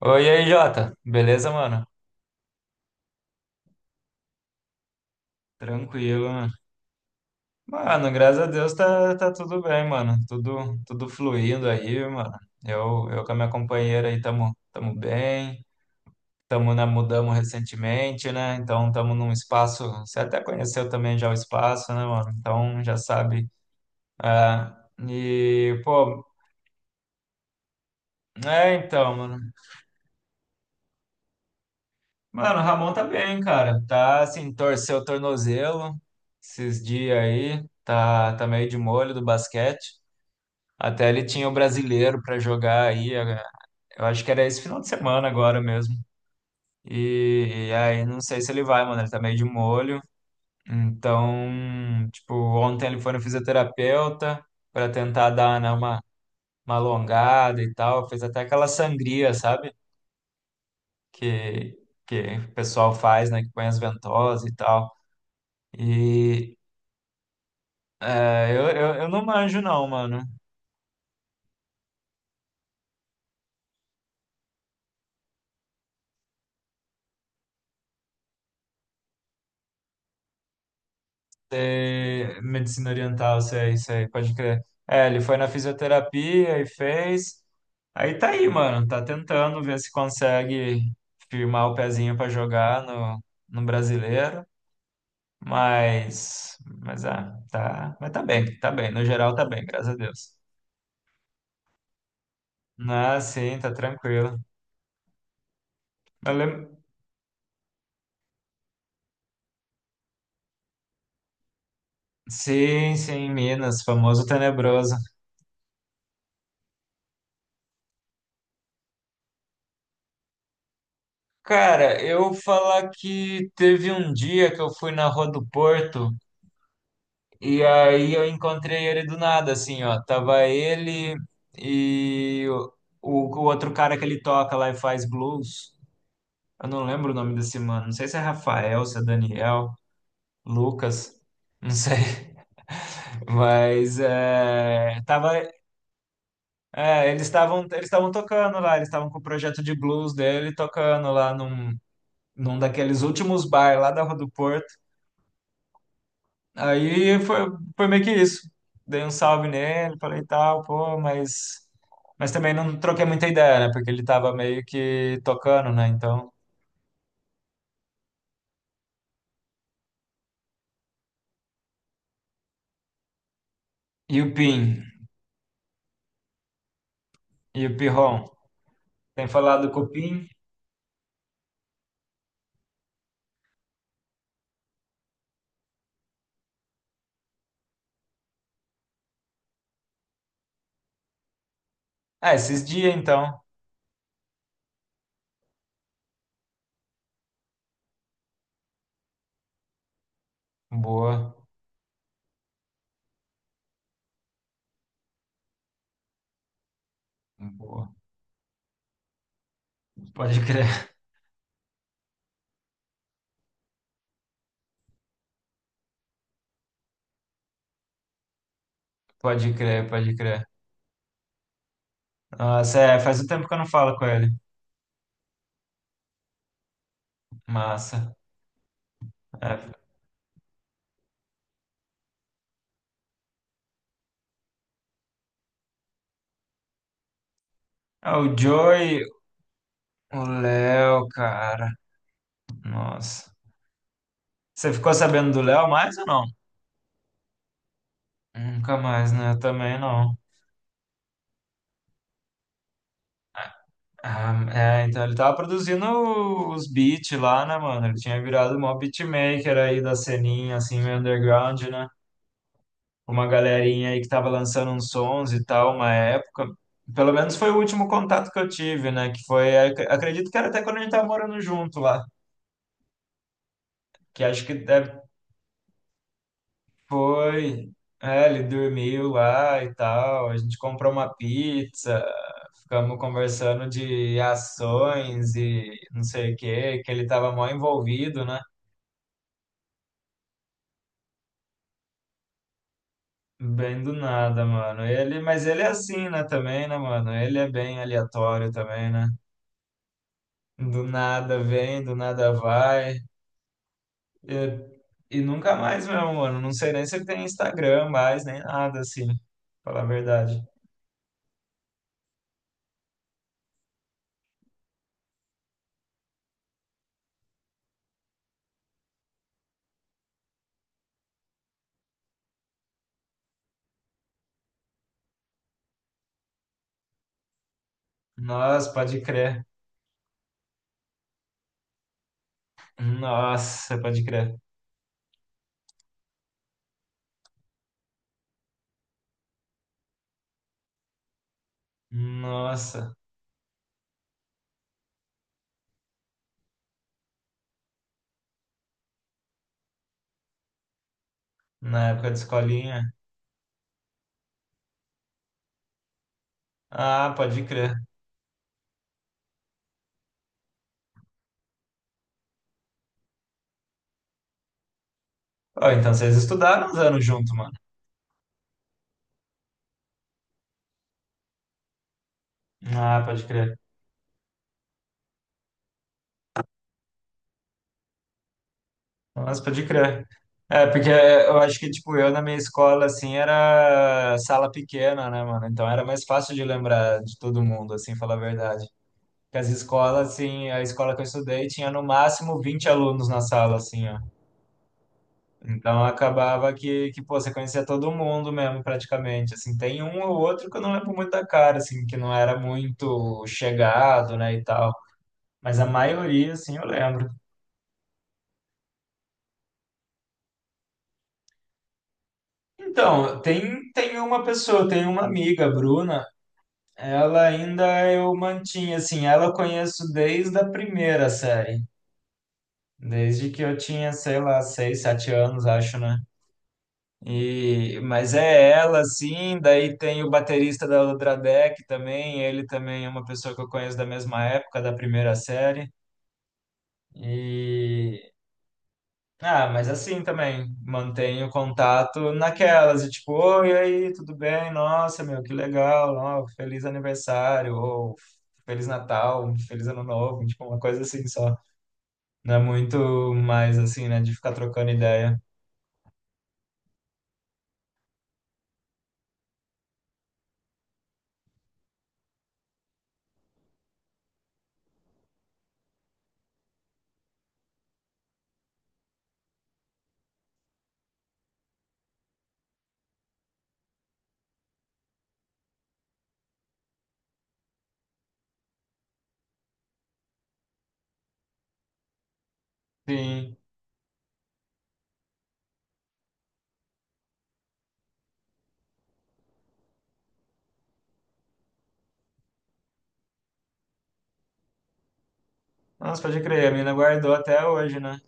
Oi, e aí, Jota. Beleza, mano? Tranquilo, mano. Mano, graças a Deus tá tudo bem, mano. Tudo fluindo aí, mano. Eu com a minha companheira aí tamo bem. Mudamos recentemente, né? Então tamo num espaço. Você até conheceu também já o espaço, né, mano? Então já sabe. Ah, e, pô, é então, mano. Mano, o Ramon tá bem, cara. Tá assim, torceu o tornozelo esses dias aí. Tá meio de molho do basquete. Até ele tinha o brasileiro para jogar aí, eu acho que era esse final de semana agora mesmo. E aí não sei se ele vai, mano, ele tá meio de molho. Então, tipo, ontem ele foi no fisioterapeuta para tentar dar, né, uma alongada e tal, fez até aquela sangria, sabe? Que, que o pessoal faz, né, que põe as ventosas e tal. E eu não manjo não, mano. Sei, medicina oriental, sei, sei, pode crer. É, ele foi na fisioterapia e fez. Aí tá aí, mano, tá tentando ver se consegue firmar o pezinho pra jogar no brasileiro, mas ah, tá, mas tá bem, no geral tá bem, graças a Deus. Ah, sim, tá tranquilo. Eu lem- Sim, sim, Minas, famoso tenebroso. Cara, eu falar que teve um dia que eu fui na Rua do Porto. E aí eu encontrei ele do nada, assim, ó. Tava ele e o outro cara que ele toca lá e faz blues. Eu não lembro o nome desse mano. Não sei se é Rafael, se é Daniel, Lucas, não sei. Mas é, tava, é, eles estavam tocando lá, eles estavam com o projeto de blues dele tocando lá num daqueles últimos bar lá da Rua do Porto. Aí foi meio que isso. Dei um salve nele, falei tal, pô, mas também não troquei muita ideia, né? Porque ele tava meio que tocando, né? Então. E o Pim, e o Pirron. Tem falado com o Pim? Ah, esses dias então. Boa, boa. Pode crer, pode crer, pode crer. Nossa, é, faz um tempo que eu não falo com ele. Massa. É, ah, o Joey, o Léo, cara. Nossa. Você ficou sabendo do Léo mais ou não? Nunca mais, né? Eu também não. Ah, é, então ele tava produzindo os beats lá, né, mano? Ele tinha virado um maior beatmaker aí da ceninha, assim, meio underground, né? Uma galerinha aí que tava lançando uns sons e tal, uma época. Pelo menos foi o último contato que eu tive, né? Que foi, acredito que era até quando a gente tava morando junto lá. Que acho que deve. Foi. É, ele dormiu lá e tal. A gente comprou uma pizza, ficamos conversando de ações e não sei o quê, que ele tava mó envolvido, né? Bem do nada, mano. Mas ele é assim, né, também, né, mano? Ele é bem aleatório também, né? Do nada vem, do nada vai. E nunca mais mesmo, mano. Não sei nem se ele tem Instagram mais, nem nada assim, pra falar a verdade. Nossa, pode crer. Nossa, pode crer. Nossa, na época de escolinha. Ah, pode crer. Ó, então vocês estudaram uns anos junto, mano. Ah, pode crer. Nossa, pode crer. É, porque eu acho que, tipo, eu na minha escola, assim, era sala pequena, né, mano? Então era mais fácil de lembrar de todo mundo, assim, falar a verdade. Porque as escolas, assim, a escola que eu estudei tinha no máximo 20 alunos na sala, assim, ó. Então acabava que pô, você conhecia todo mundo mesmo, praticamente. Assim, tem um ou outro que eu não lembro muito da cara, assim, que não era muito chegado, né, e tal. Mas a maioria, assim, eu lembro. Então, tem uma pessoa, tem uma amiga, a Bruna, ela ainda eu mantinha, assim, ela eu conheço desde a primeira série. Desde que eu tinha, sei lá, 6, 7 anos, acho, né? E, mas é ela, sim. Daí tem o baterista da Ultradeck também. Ele também é uma pessoa que eu conheço da mesma época, da primeira série. E. Ah, mas assim também, mantenho contato naquelas, e tipo, oi, e aí, tudo bem? Nossa, meu, que legal, ó, feliz aniversário, ou feliz Natal, feliz Ano Novo, tipo, uma coisa assim só. Não é muito mais assim, né, de ficar trocando ideia. Sim, nossa, pode crer, a mina guardou até hoje, né?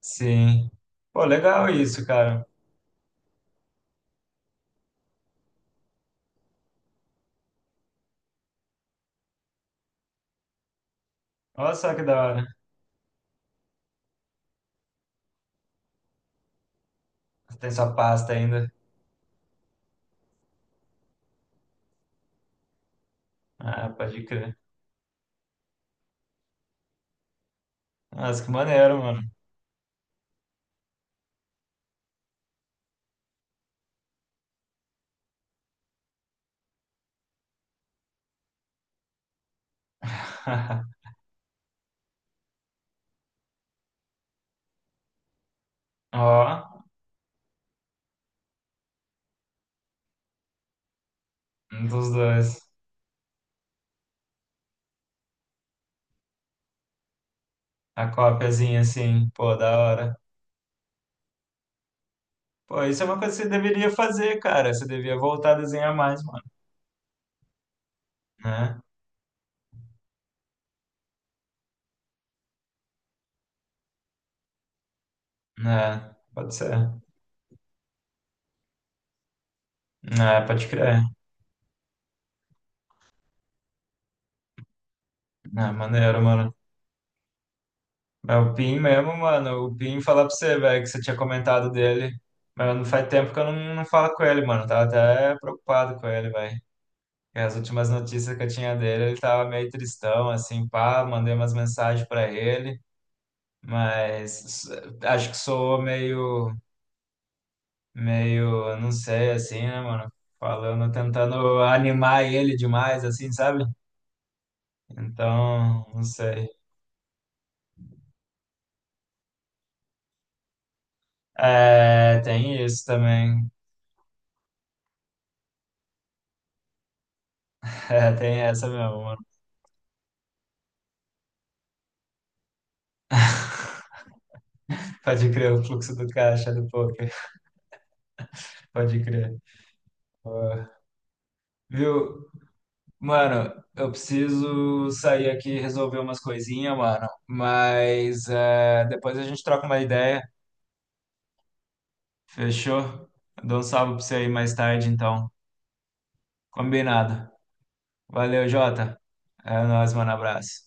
Sim. Pô, legal isso, cara. Olha só que da hora. Tem sua pasta ainda. Ah, pode crer. Nossa, que maneiro, mano. Ó, um dos dois. A cópiazinha, assim. Pô, da hora. Pô, isso é uma coisa que você deveria fazer, cara. Você devia voltar a desenhar mais, mano. Né? Né? Pode ser. Né? Pode crer. Né? Maneiro, mano. É o Pin mesmo, mano. O Pin falar pra você, velho, que você tinha comentado dele. Mas não faz tempo que eu não, falo com ele, mano. Tava até preocupado com ele, velho. E as últimas notícias que eu tinha dele, ele tava meio tristão, assim, pá, mandei umas mensagens para ele, mas acho que soou meio, eu não sei, assim, né, mano? Falando, tentando animar ele demais, assim, sabe? Então, não sei. É, tem isso também. É, tem essa mesmo, mano. Pode crer, o fluxo do caixa do poker. Pode crer. Boa. Viu? Mano, eu preciso sair aqui e resolver umas coisinhas, mano. Mas é, depois a gente troca uma ideia. Fechou? Dou um salve pra você aí mais tarde, então. Combinado. Valeu, Jota. É nóis, mano. Abraço.